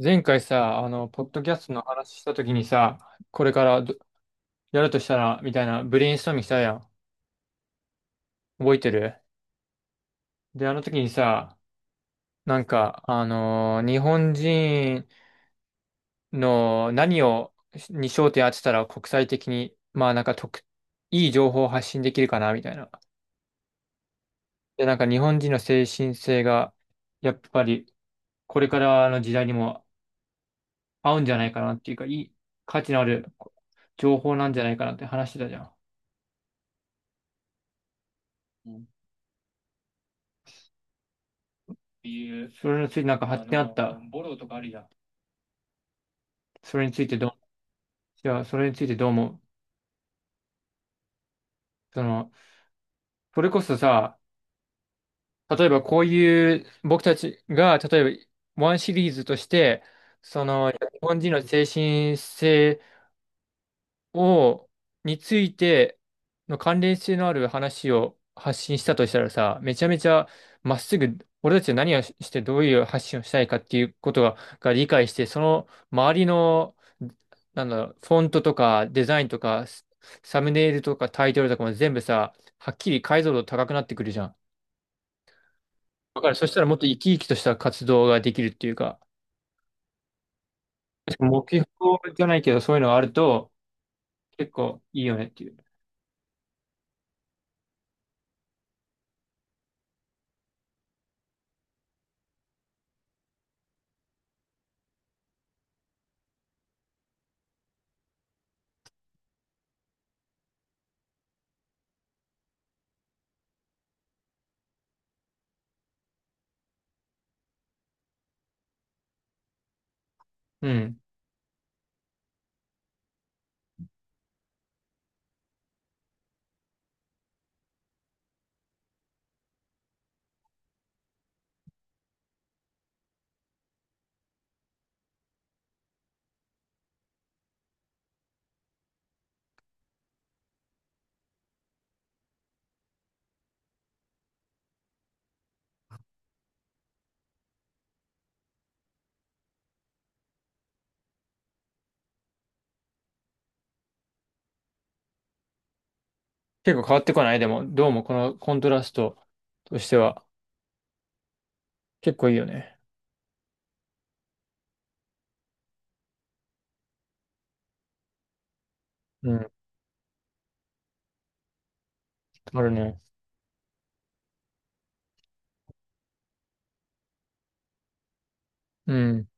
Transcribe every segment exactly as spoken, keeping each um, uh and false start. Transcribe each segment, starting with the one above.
前回さ、あの、ポッドキャストの話したときにさ、これからどやるとしたら、みたいなブレインストーミングしたやん。覚えてる。で、あの時にさ、なんか、あのー日本人の何を、に焦点当てたら国際的に、まあなんか特、いい情報を発信できるかな、みたいな。で、なんか日本人の精神性が、やっぱり、これからの時代にも合うんじゃないかなっていうか、いい価値のある情報なんじゃないかなって話してたじゃん。それについてなんか発展あった？それについてどう、じゃあ、それについてどう思う？その、それこそさ、例えばこういう、僕たちが、例えば、ワンシリーズとして、その、日本人の精神性を、についての関連性のある話を発信したとしたらさ、めちゃめちゃまっすぐ、俺たちは何をしてどういう発信をしたいかっていうことが、が理解して、その周りの、なんだろう、フォントとかデザインとか、スサムネイルとかタイトルとかも全部さ、はっきり解像度高くなってくるじゃん。だからそしたらもっと生き生きとした活動ができるっていうか、目標じゃないけどそういうのがあると結構いいよねっていう。うん。結構変わってこないでも、どうもこのコントラストとしては結構いいよね。うん。あるね。うん。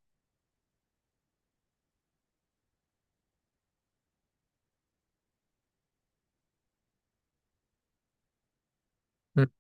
うん。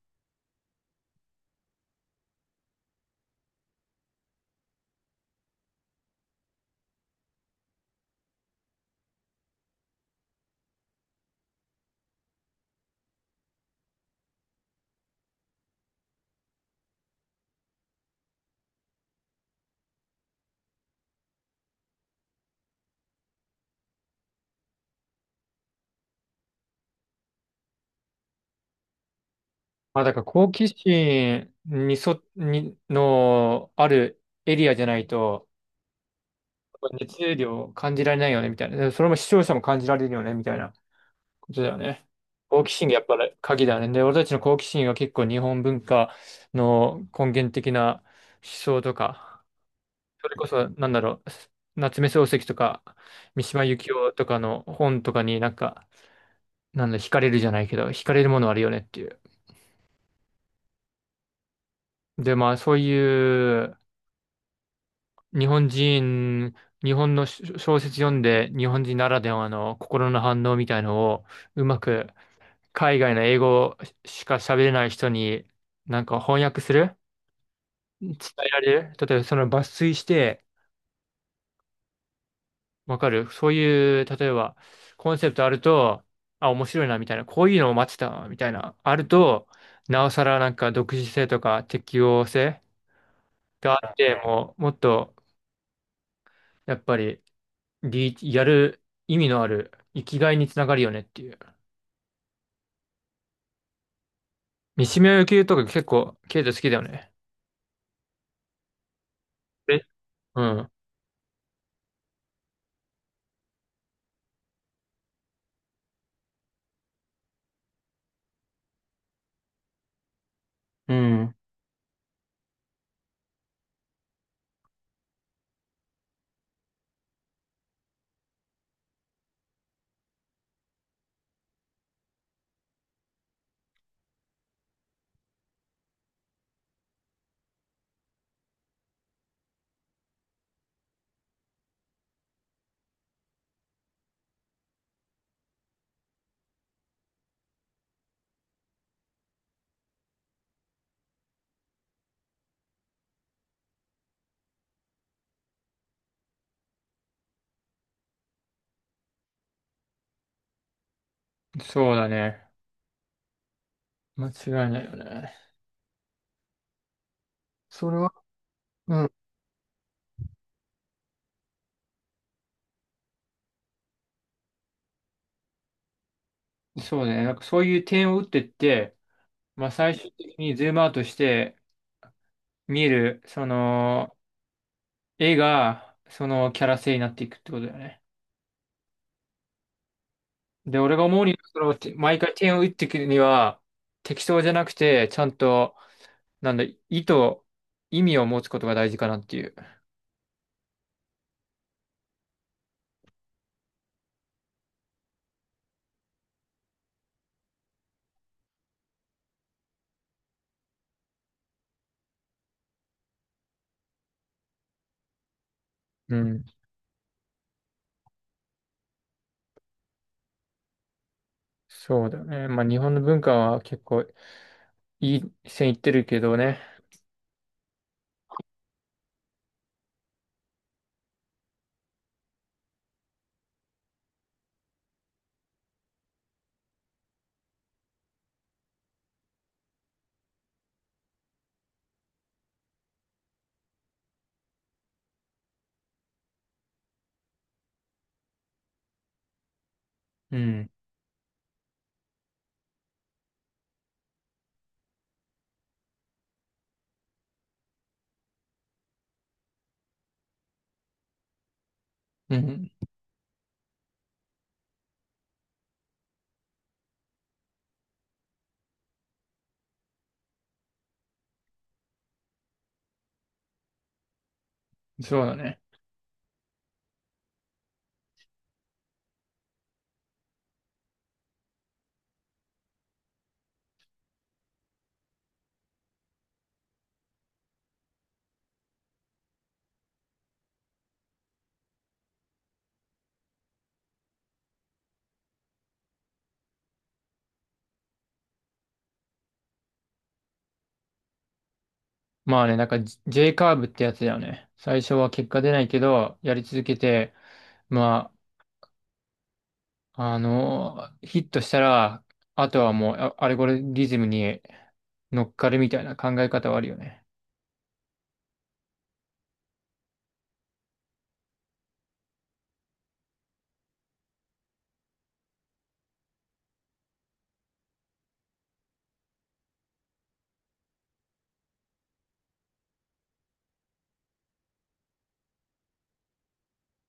まあ、だから好奇心にそ、に、のあるエリアじゃないと、熱量を感じられないよね、みたいな。でそれも視聴者も感じられるよね、みたいなことだよね。好奇心がやっぱり鍵だね。で、俺たちの好奇心は結構日本文化の根源的な思想とか、それこそ、なんだろう、夏目漱石とか、三島由紀夫とかの本とかになんか、なんだ、惹かれるじゃないけど、惹かれるものあるよねっていう。で、まあ、そういう日本人、日本の小小説読んで、日本人ならではの心の反応みたいのを、うまく海外の英語しか喋れない人に、なんか翻訳する伝えられる例えばその抜粋して、わかるそういう、例えば、コンセプトあると、あ、面白いな、みたいな、こういうのを待ってた、みたいな、あると、なおさらなんか独自性とか適応性があって、もう、もっと、やっぱり、リーやる意味のある、生きがいにつながるよねっていう。三島由紀夫とか結構、ケイト好きだよね。え、うん。うん。そうだね。間違いないよね。それは、うん。そうね。なんかそういう点を打ってって、まあ最終的にズームアウトして、見る、その、絵が、そのキャラ性になっていくってことだよね。で、俺が思うには、その、て毎回点を打っていくには、適当じゃなくて、ちゃんと、なんだ、意図、意味を持つことが大事かなっていう。うん。そうだね。まあ、日本の文化は結構いい線いってるけどね。うん。うん。そうだね。まあね、なんか ジェージェー カーブってやつだよね。最初は結果出ないけど、やり続けて、まあ、あのーヒットしたら、あとはもうあアルゴリズムに乗っかるみたいな考え方はあるよね。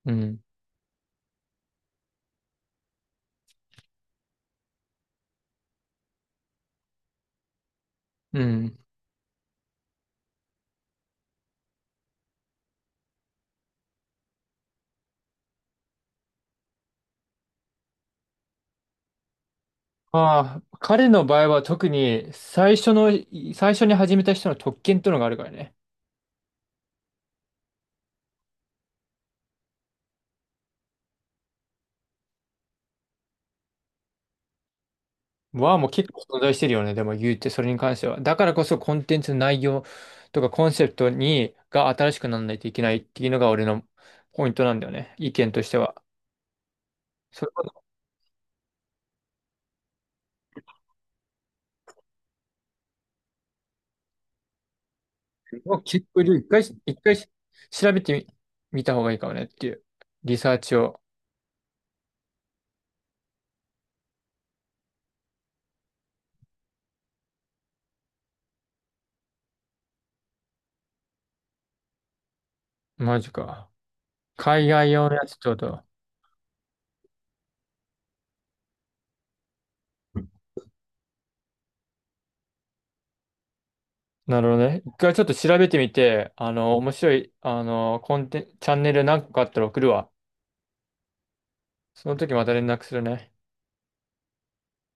うん。うん。まあ、彼の場合は特に最初の、最初に始めた人の特権ってのがあるからね。はもう結構存在してるよね。でも言うて、それに関しては。だからこそコンテンツの内容とかコンセプトに、が新しくならないといけないっていうのが俺のポイントなんだよね。意見としては。それを結構一回、一回調べてみ、見た方がいいかもねっていう。リサーチを。マジか。海外用のやつちょっと。なるほどね。一回ちょっと調べてみて、あの、面白い、あの、コンテン、チャンネル何個かあったら送るわ。その時また連絡するね。